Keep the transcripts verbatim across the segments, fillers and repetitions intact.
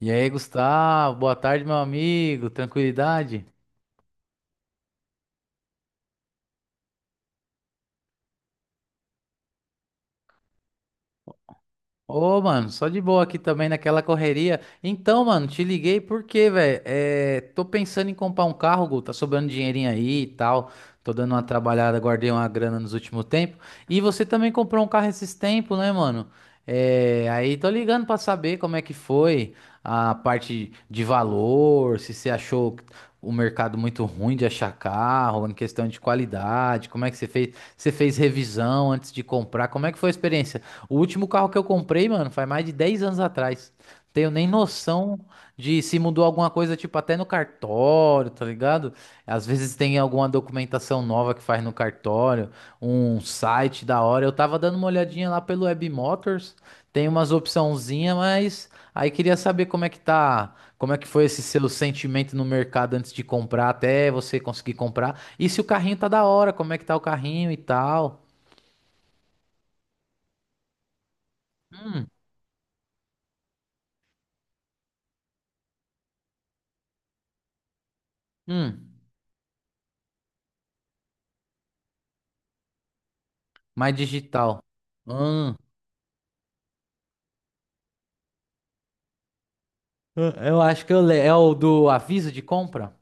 E aí, Gustavo, boa tarde, meu amigo. Tranquilidade? Ô, mano, só de boa aqui também naquela correria. Então, mano, te liguei porque, velho, é, tô pensando em comprar um carro, Gu, tá sobrando dinheirinho aí e tal. Tô dando uma trabalhada, guardei uma grana nos últimos tempos. E você também comprou um carro esses tempos, né, mano? É, aí tô ligando pra saber como é que foi a parte de valor, se você achou o mercado muito ruim de achar carro, em questão de qualidade, como é que você fez? Você fez revisão antes de comprar? Como é que foi a experiência? O último carro que eu comprei, mano, faz mais de dez anos atrás. Tenho nem noção de se mudou alguma coisa, tipo, até no cartório, tá ligado? Às vezes tem alguma documentação nova que faz no cartório, um site da hora. Eu tava dando uma olhadinha lá pelo Webmotors, tem umas opçãozinha, mas aí queria saber como é que tá, como é que foi esse seu sentimento no mercado antes de comprar, até você conseguir comprar. E se o carrinho tá da hora, como é que tá o carrinho e tal. Hum, hum. Mais digital. Hum, eu eu acho que eu le... é o do aviso de compra.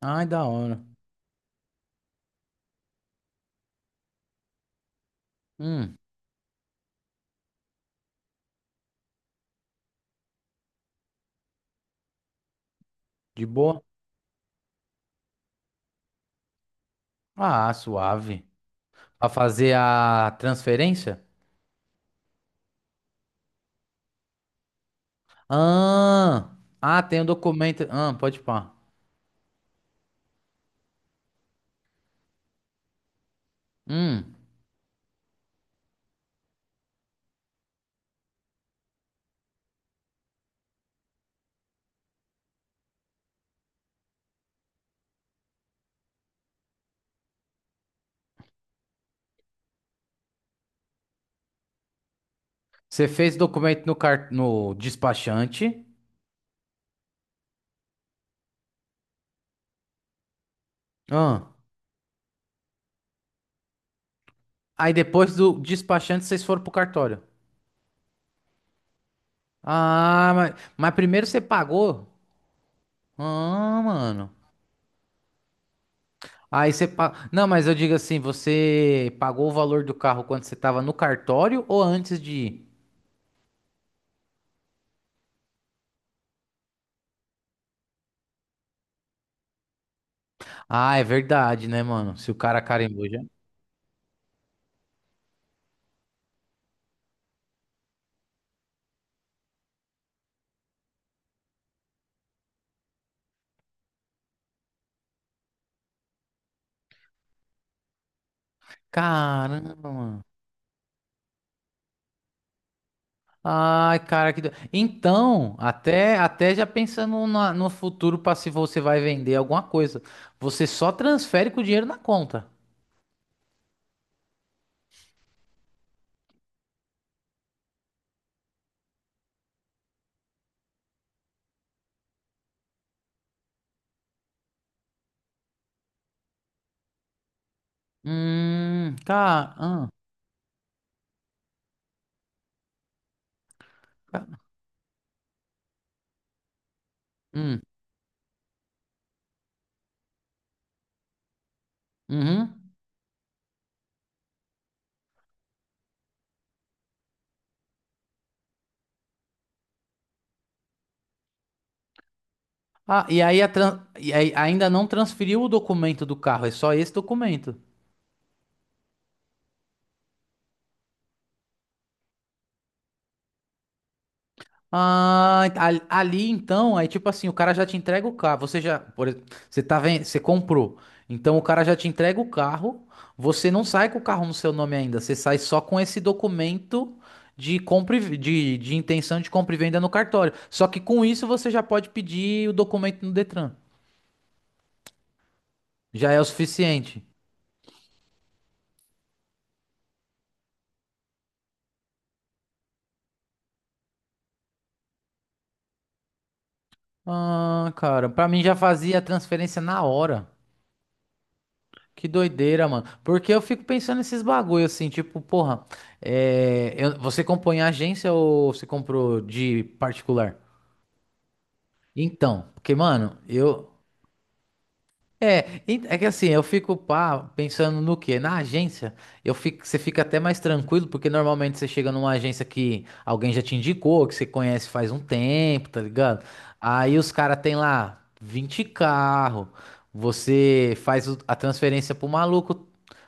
Ai, da hora. Hum, de boa. Ah, suave. Pra fazer a transferência? Ah, ah, tem um documento. Ah, pode pá. Hum, você fez documento no car... no despachante. Ah, aí depois do despachante vocês foram pro cartório. Ah, mas, mas primeiro você pagou? Ah, mano. Aí você. Pa... Não, mas eu digo assim, você pagou o valor do carro quando você tava no cartório ou antes de ir? Ah, é verdade, né, mano? Se o cara carimbou já. Caramba, mano. Ai, cara, que. Do- Então, até, até já pensando na- no futuro para se você vai vender alguma coisa, você só transfere com o dinheiro na conta. Hum, cara. Ah, ca- hum, uhum. Ah, e aí, a tran- e aí ainda não transferiu o documento do carro, é só esse documento. Ah, ali ali, então, aí tipo assim, o cara já te entrega o carro, você já, por exemplo, você tá vendo? Você comprou. Então o cara já te entrega o carro, você não sai com o carro no seu nome ainda, você sai só com esse documento de compra e ve- de, de intenção de compra e venda no cartório. Só que com isso você já pode pedir o documento no Detran. Já é o suficiente. Ah, cara, pra mim já fazia a transferência na hora. Que doideira, mano. Porque eu fico pensando nesses bagulho assim, tipo, porra, é, eu- você compõe em agência ou você comprou de particular? Então, porque, mano, eu, é, en- é que assim, eu fico pá, pensando no quê? Na agência, eu fico, você fica até mais tranquilo, porque normalmente você chega numa agência que alguém já te indicou, que você conhece faz um tempo, tá ligado? Aí os caras têm lá vinte carro, você faz o- a transferência pro maluco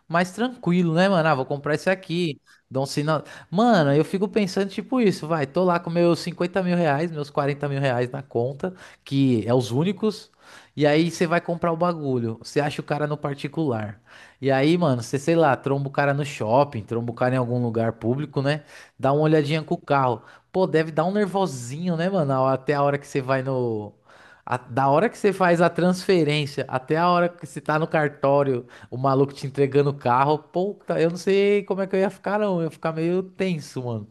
mais tranquilo, né, mano? Ah, vou comprar esse aqui, dou um sinal. Mano, eu fico pensando tipo isso, vai, tô lá com meus cinquenta mil reais, meus quarenta mil reais na conta, que é os únicos. E aí você vai comprar o bagulho, você acha o cara no particular. E aí, mano, você, sei lá, tromba o cara no shopping, tromba o cara em algum lugar público, né? Dá uma olhadinha com o carro. Pô, deve dar um nervosinho, né, mano? A- Até a hora que você vai no. A- da hora que você faz a transferência até a hora que você tá no cartório, o maluco te entregando o carro. Puta, eu não sei como é que eu ia ficar, não. Eu ia ficar meio tenso, mano.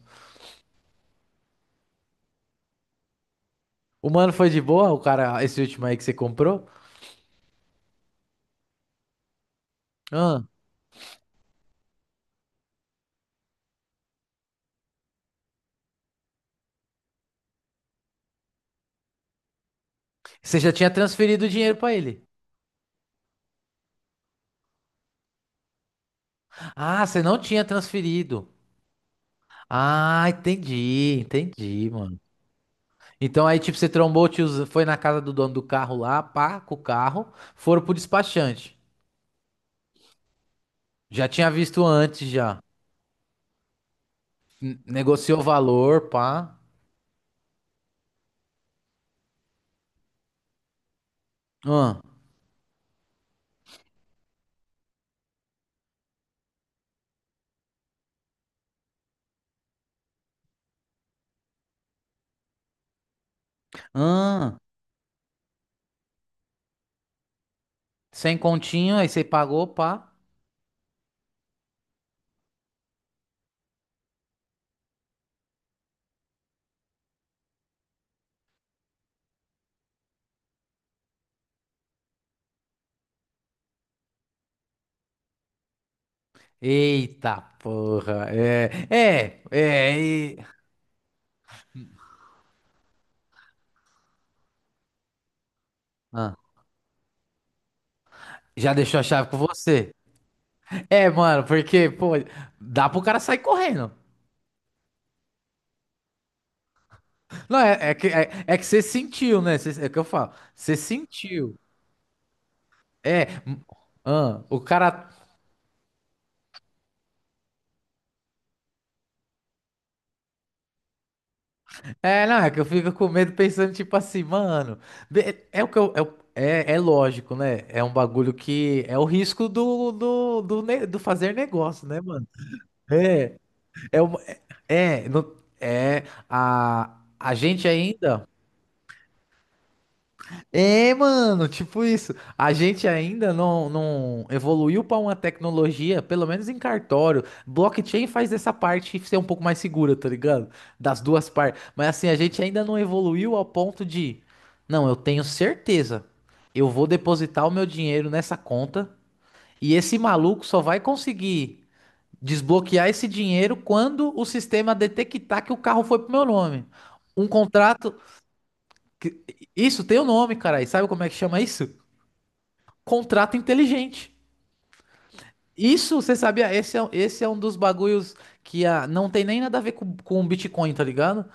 O mano foi de boa, o cara, esse último aí que você comprou? Ah, você já tinha transferido o dinheiro pra ele. Ah, você não tinha transferido. Ah, entendi, entendi, mano. Então aí, tipo, você trombou, o tioz- foi na casa do dono do carro lá, pá, com o carro, foram pro despachante. Já tinha visto antes, já. N- Negociou o valor, pá. Ah, ah, sem continho, aí você pagou, pá. Eita porra, é, é, é. E- Ah, já deixou a chave com você. É, mano, porque, pô, dá pro cara sair correndo. Não, é, é que, é, é que você sentiu, né? Você- é o que eu falo. Você sentiu. É. M- ah, o cara. É, não, é que eu fico com medo pensando, tipo assim, mano. Be- é, o que eu. É, o- é, é lógico, né? É um bagulho que. É o risco do, do, do, ne- do fazer negócio, né, mano? É. É. O- é. Não- é a, a gente ainda. É, mano, tipo isso. A gente ainda não, não evoluiu para uma tecnologia, pelo menos em cartório. Blockchain faz essa parte ser um pouco mais segura, tá ligado? Das duas partes. Mas assim, a gente ainda não evoluiu ao ponto de, não, eu tenho certeza. Eu vou depositar o meu dinheiro nessa conta e esse maluco só vai conseguir desbloquear esse dinheiro quando o sistema detectar que o carro foi pro meu nome. Um contrato que- isso tem o nome, cara. E sabe como é que chama isso? Contrato inteligente. Isso, você sabia? Esse é, um, esse é um dos bagulhos que ah, não tem nem nada a ver com, com o Bitcoin, tá ligado?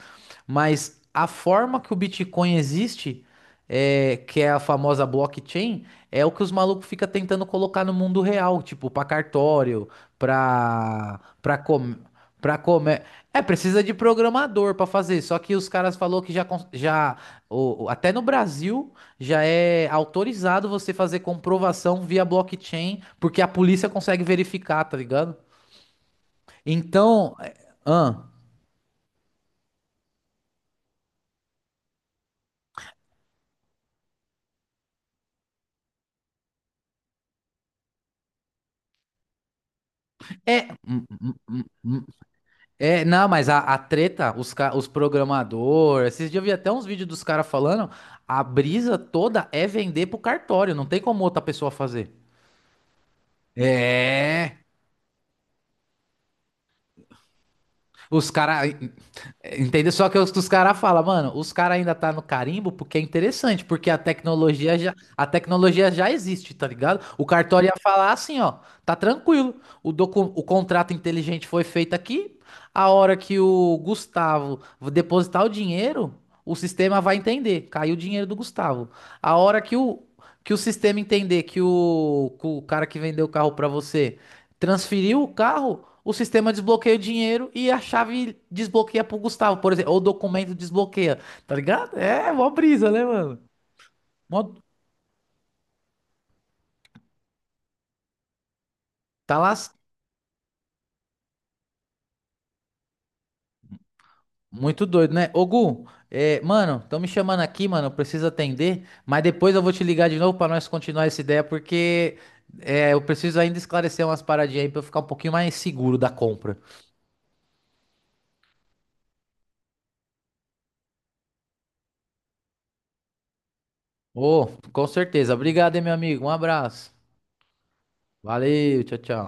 Mas a forma que o Bitcoin existe, é, que é a famosa blockchain, é o que os malucos ficam tentando colocar no mundo real, tipo, pra cartório, pra, pra, com, pra comer. É, precisa de programador pra fazer, só que os caras falou que já, cons- já o- o- até no Brasil, já é autorizado você fazer comprovação via blockchain, porque a polícia consegue verificar, tá ligado? Então, é, ahn. É, m- m- é, não, mas a, a treta, os, ca- os programadores, esses dias eu vi até uns vídeos dos caras falando, a brisa toda é vender pro cartório, não tem como outra pessoa fazer. É. Os caras. Entendeu? Só que os, os caras falam, mano, os caras ainda tá no carimbo porque é interessante, porque a tecnologia já, a tecnologia já existe, tá ligado? O cartório ia falar assim, ó, tá tranquilo. O, docu, o contrato inteligente foi feito aqui. A hora que o Gustavo depositar o dinheiro, o sistema vai entender. Caiu o dinheiro do Gustavo. A hora que o, que o sistema entender que o, que o cara que vendeu o carro pra você transferiu o carro, o sistema desbloqueia o dinheiro e a chave desbloqueia pro Gustavo, por exemplo, ou o documento desbloqueia, tá ligado? É, mó brisa, né, mano? Mó- Tá lá muito doido, né? Ô, Gu, é, mano, estão me chamando aqui, mano, eu preciso atender, mas depois eu vou te ligar de novo pra nós continuar essa ideia, porque é, eu preciso ainda esclarecer umas paradinhas aí pra eu ficar um pouquinho mais seguro da compra. Ô, com certeza. Obrigado, hein, meu amigo. Um abraço. Valeu, tchau, tchau.